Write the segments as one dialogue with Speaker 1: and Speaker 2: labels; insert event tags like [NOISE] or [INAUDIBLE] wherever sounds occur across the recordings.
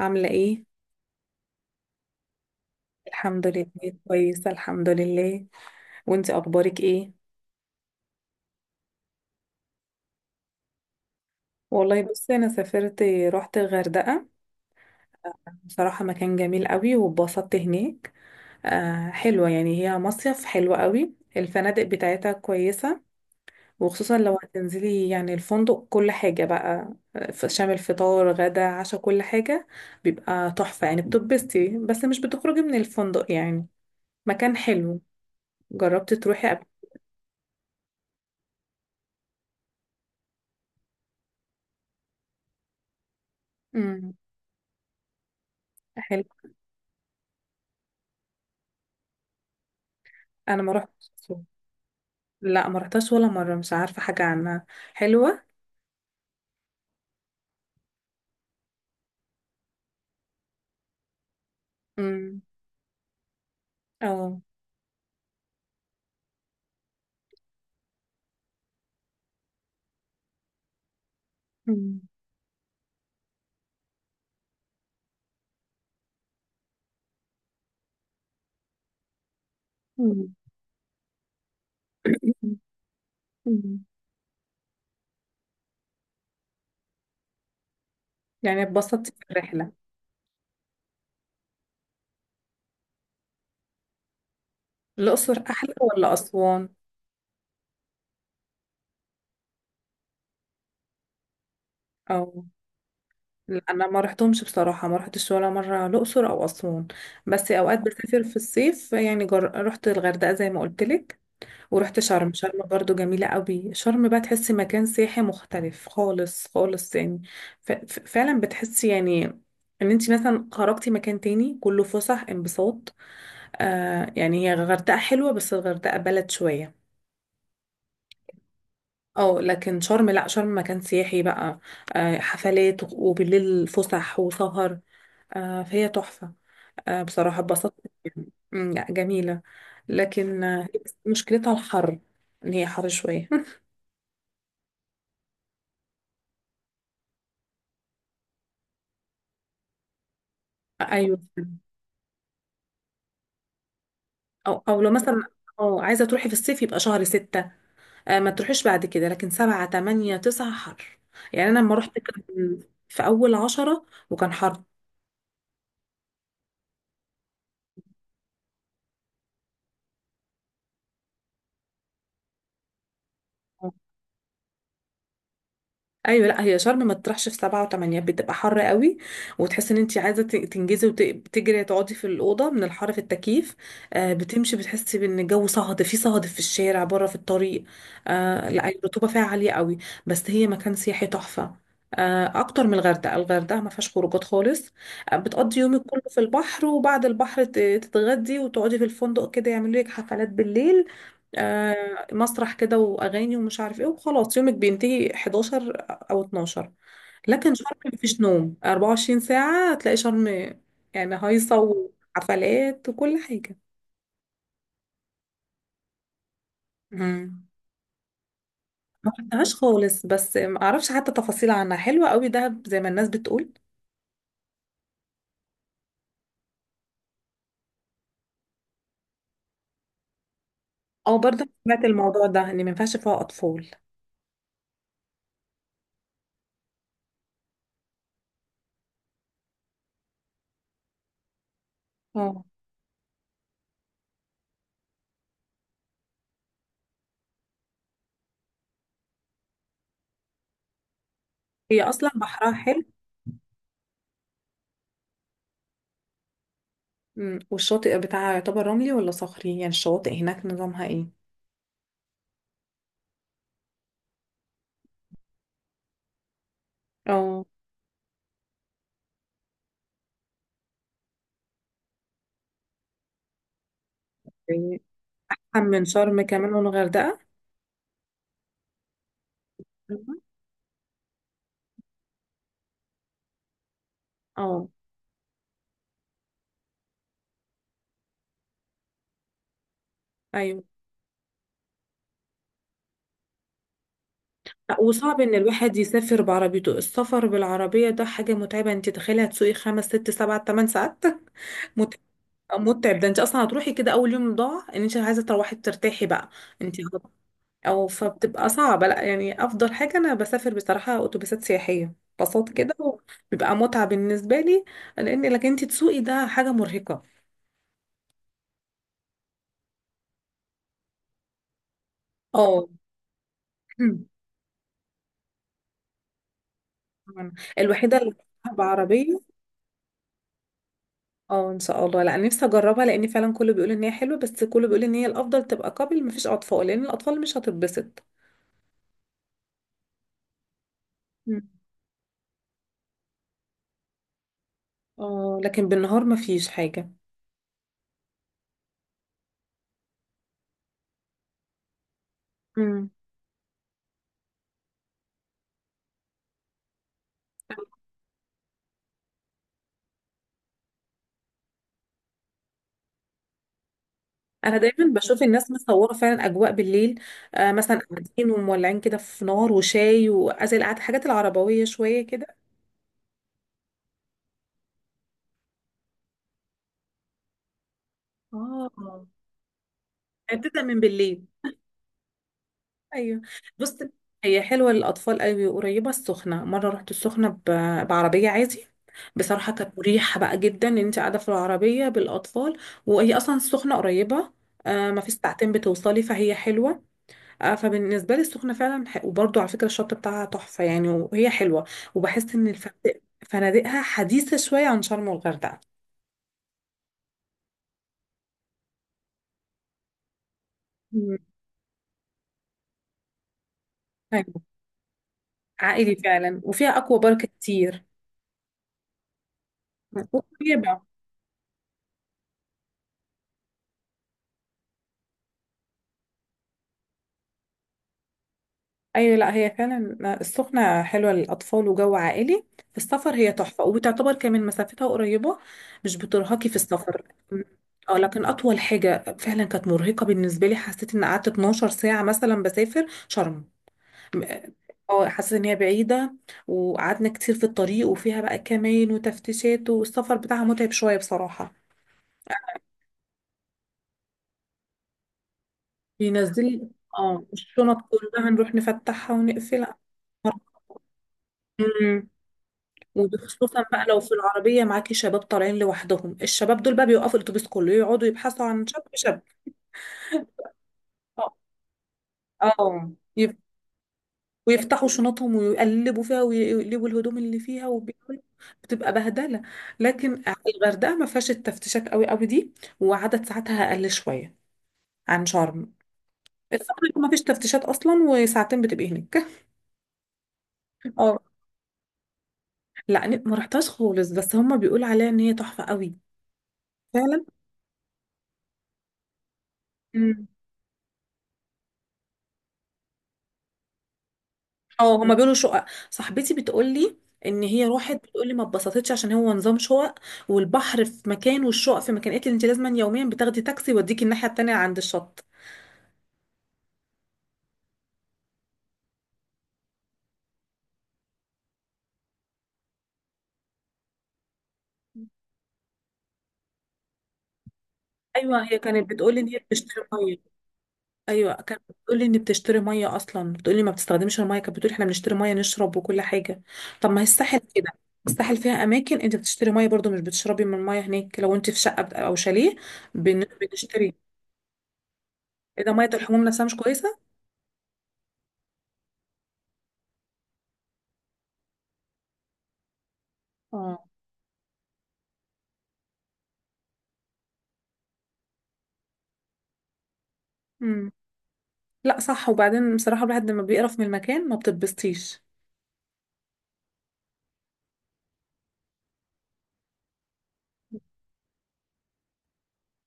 Speaker 1: عاملة ايه؟ الحمد لله. كويسة الحمد لله. وانتي اخبارك ايه؟ والله بصي انا سافرت، رحت الغردقة. بصراحة مكان جميل قوي واتبسطت هناك. آه حلوة، يعني هي مصيف حلو قوي، الفنادق بتاعتها كويسة، وخصوصا لو هتنزلي يعني الفندق كل حاجة بقى شامل فطار غدا عشاء كل حاجة، بيبقى تحفة يعني، بتتبسطي بس مش بتخرجي من الفندق يعني. مكان حلو. جربتي تروحي قبل؟ مم، حلو. انا ما رحتش. لا ما رحتهاش ولا مرة، مش عارفة حاجة عنها. حلوة. امم. اه. مم. مم. مم. يعني اتبسطت في الرحلة. الأقصر أحلى ولا أسوان؟ أو. لا أنا ما رحتهمش بصراحة، ما رحتش ولا مرة الأقصر أو أسوان. بس أوقات بسافر في الصيف، يعني رحت الغردقة زي ما قلت لك. ورحت شرم، برضو جميلة قوي. شرم بقى تحسي مكان سياحي مختلف خالص خالص يعني. فعلا بتحسي يعني ان انت مثلا خرجتي مكان تاني، كله فسح انبساط. آه يعني هي الغردقة حلوة بس الغردقة بلد شوية. اه لكن شرم لا، شرم مكان سياحي بقى. حفلات وبالليل فسح وسهر. آه فهي تحفة. آه بصراحة اتبسطت يعني. لا جميلة. لكن مشكلتها الحر، ان هي حر شوية. [LAUGHS] ايوه. او لو مثلا، اه عايزه تروحي في الصيف يبقى شهر ستة. آه ما تروحيش بعد كده، لكن سبعة تمانية تسعة حر. يعني انا لما رحت كان في اول عشرة وكان حر. ايوه لا هي شرم ما تطرحش في سبعة وثمانية، بتبقى حر قوي. وتحس ان انت عايزه تنجزي وتجري تقعدي في الاوضه من الحر في التكييف. آه بتمشي بتحسي بان الجو صهد، في الشارع بره في الطريق. آه لا الرطوبه فيها عاليه قوي. بس هي مكان سياحي تحفه. آه اكتر من الغردقه. الغردقه ما فيهاش خروجات خالص. آه بتقضي يومك كله في البحر، وبعد البحر تتغدي وتقعدي في الفندق، كده يعملوا لك حفلات بالليل. آه مسرح كده واغاني ومش عارف ايه، وخلاص يومك بينتهي 11 او 12. لكن شرم مفيش نوم، 24 ساعة هتلاقي شرم يعني هايصة وحفلات وكل حاجة. مم. ما رحتهاش خالص، بس ما اعرفش حتى تفاصيل عنها. حلوة قوي دهب زي ما الناس بتقول. او برضه سمعت الموضوع ده، ان ما ينفعش فيها اطفال. اه. هي اصلا بحرها حلو. والشاطئ بتاعها يعتبر رملي ولا صخري؟ يعني الشواطئ هناك نظامها ايه؟ اه. إيه. من شرم كمان والغردقة. اه. ايوه. لأ، وصعب ان الواحد يسافر بعربيته. السفر بالعربية ده حاجة متعبة، انت تخيلي هتسوقي خمس ست سبع تمن ساعات. [LAUGHS] متعب. متعب. ده انت اصلا هتروحي كده اول يوم ضاع، ان انت عايزة تروحي ترتاحي بقى. انت. او فبتبقى صعبة. لا يعني افضل حاجة انا بسافر بصراحة اتوبيسات سياحية، بساط كده بيبقى متعة بالنسبة لي. لان لك انت تسوقي ده حاجة مرهقة. اه. [CLEARS THROAT] الوحيدة اللي بعربية. اه ان شاء الله. لا انا نفسي اجربها، لان فعلا كله بيقول ان هي حلوه، بس كله بيقول ان هي الافضل تبقى قبل مفيش اطفال، لان الاطفال مش هتتبسط. مم. اه لكن بالنهار مفيش حاجه. مم. انا دايما بشوف الناس مصوره فعلا اجواء بالليل. آه مثلا قاعدين ومولعين كده في نار وشاي، وازي القعده الحاجات العربويه شويه كده. اه يعني بتبدا من بالليل. ايوه. بص، هي حلوه للاطفال قوي، وقريبه السخنه. مره رحت السخنه بعربيه عادي، بصراحه كانت مريحه بقى جدا ان انت قاعده في العربيه بالاطفال. وهي اصلا السخنه قريبه، آه ما في ساعتين بتوصلي، فهي حلوه. آه فبالنسبه لي السخنه فعلا وبرضو على فكره الشط بتاعها تحفه يعني، وهي حلوه. وبحس ان الفنادق، فنادقها حديثه شويه عن شرم والغردقه. مم. ايوه عائلي فعلا، وفيها اكوا بارك كتير، وقريبه. ايوه لا هي فعلا السخنه حلوه للاطفال وجو عائلي في السفر. هي تحفه، وبتعتبر كمان مسافتها قريبه، مش بترهقي في السفر. اه لكن اطول حاجه فعلا كانت مرهقه بالنسبه لي، حسيت ان قعدت 12 ساعه مثلا بسافر شرم. م- اه حسيت ان هي بعيده، وقعدنا كتير في الطريق، وفيها بقى كمان وتفتيشات، والسفر بتاعها متعب شويه بصراحه. بينزل. اه الشنط كلها نروح نفتحها ونقفلها. مم. وخصوصا بقى لو في العربية معاكي شباب طالعين لوحدهم، الشباب دول بقى بيوقفوا الأتوبيس كله، يقعدوا يبحثوا عن شاب شاب. اه. آه. يف- ويفتحوا شنطهم ويقلبوا فيها ويقلبوا الهدوم اللي فيها وبيقولوا، بتبقى بهدلة. لكن الغردقة ما فيهاش التفتيشات قوي قوي دي، وعدد ساعاتها أقل شوية عن شرم. السفر ما فيش تفتيشات أصلا، وساعتين بتبقي هناك. [LAUGHS] اه. لا ما رحتهاش خالص، بس هما بيقولوا عليها إن هي تحفة قوي. فعلا. اه هما بيقولوا شقق. صاحبتي بتقولي ان هي راحت، بتقولي ما اتبسطتش عشان هو نظام شقق، والبحر في مكان والشقق في مكان. قالت لي انت لازما يوميا بتاخدي تاكسي يوديكي الناحيه التانيه عند الشط. ايوه هي كانت بتقولي ان هي بتشتري ميه. ايوه كانت بتقولي ان بتشتري ميه، اصلا بتقولي ما بتستخدمش الميه، كانت بتقولي احنا بنشتري ميه نشرب وكل حاجه. طب ما هي الساحل كده، الساحل فيها اماكن انت بتشتري ميه برضو، مش بتشربي من الميه هناك لو انت في شقه او شاليه، بنشتري. ايه ده، ميه الحموم نفسها مش كويسه. اه. امم. لا صح، وبعدين بصراحة الواحد لما بيقرف من المكان ما بتتبسطيش.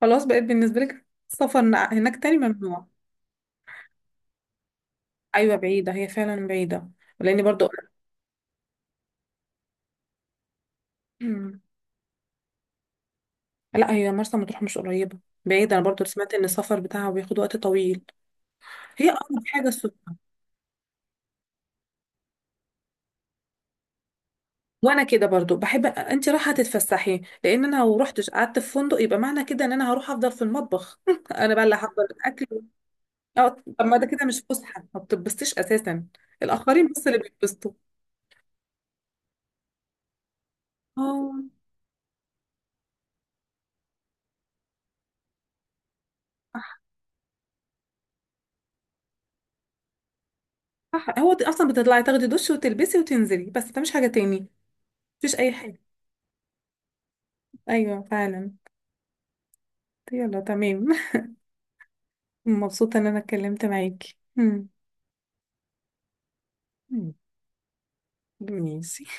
Speaker 1: خلاص بقيت بالنسبة لك السفر هناك تاني ممنوع. أيوة بعيدة، هي فعلا بعيدة. لأني برضو. مم. لا هي مرسى مطروح مش قريبة، بعيدة. أنا برضو سمعت إن السفر بتاعها بياخد وقت طويل. هي أقرب حاجة السخنة. وأنا كده برضو بحب أنت رايحة تتفسحي، لأن أنا لو روحتش قعدت في فندق يبقى معنى كده إن أنا هروح أفضل في المطبخ. [LAUGHS] أنا بقى اللي هحضر الأكل. أه. طب ما ده كده مش فسحة، ما بتتبسطيش أساسا. الآخرين بس اللي بيتبسطوا. اه صح، هو اصلا بتطلعي تاخدي دش وتلبسي وتنزلي بس، ده مش حاجه تاني، مفيش اي حاجه. ايوه فعلا. يلا تمام. [LAUGHS] مبسوطه ان انا اتكلمت معاكي. مم. ماشي.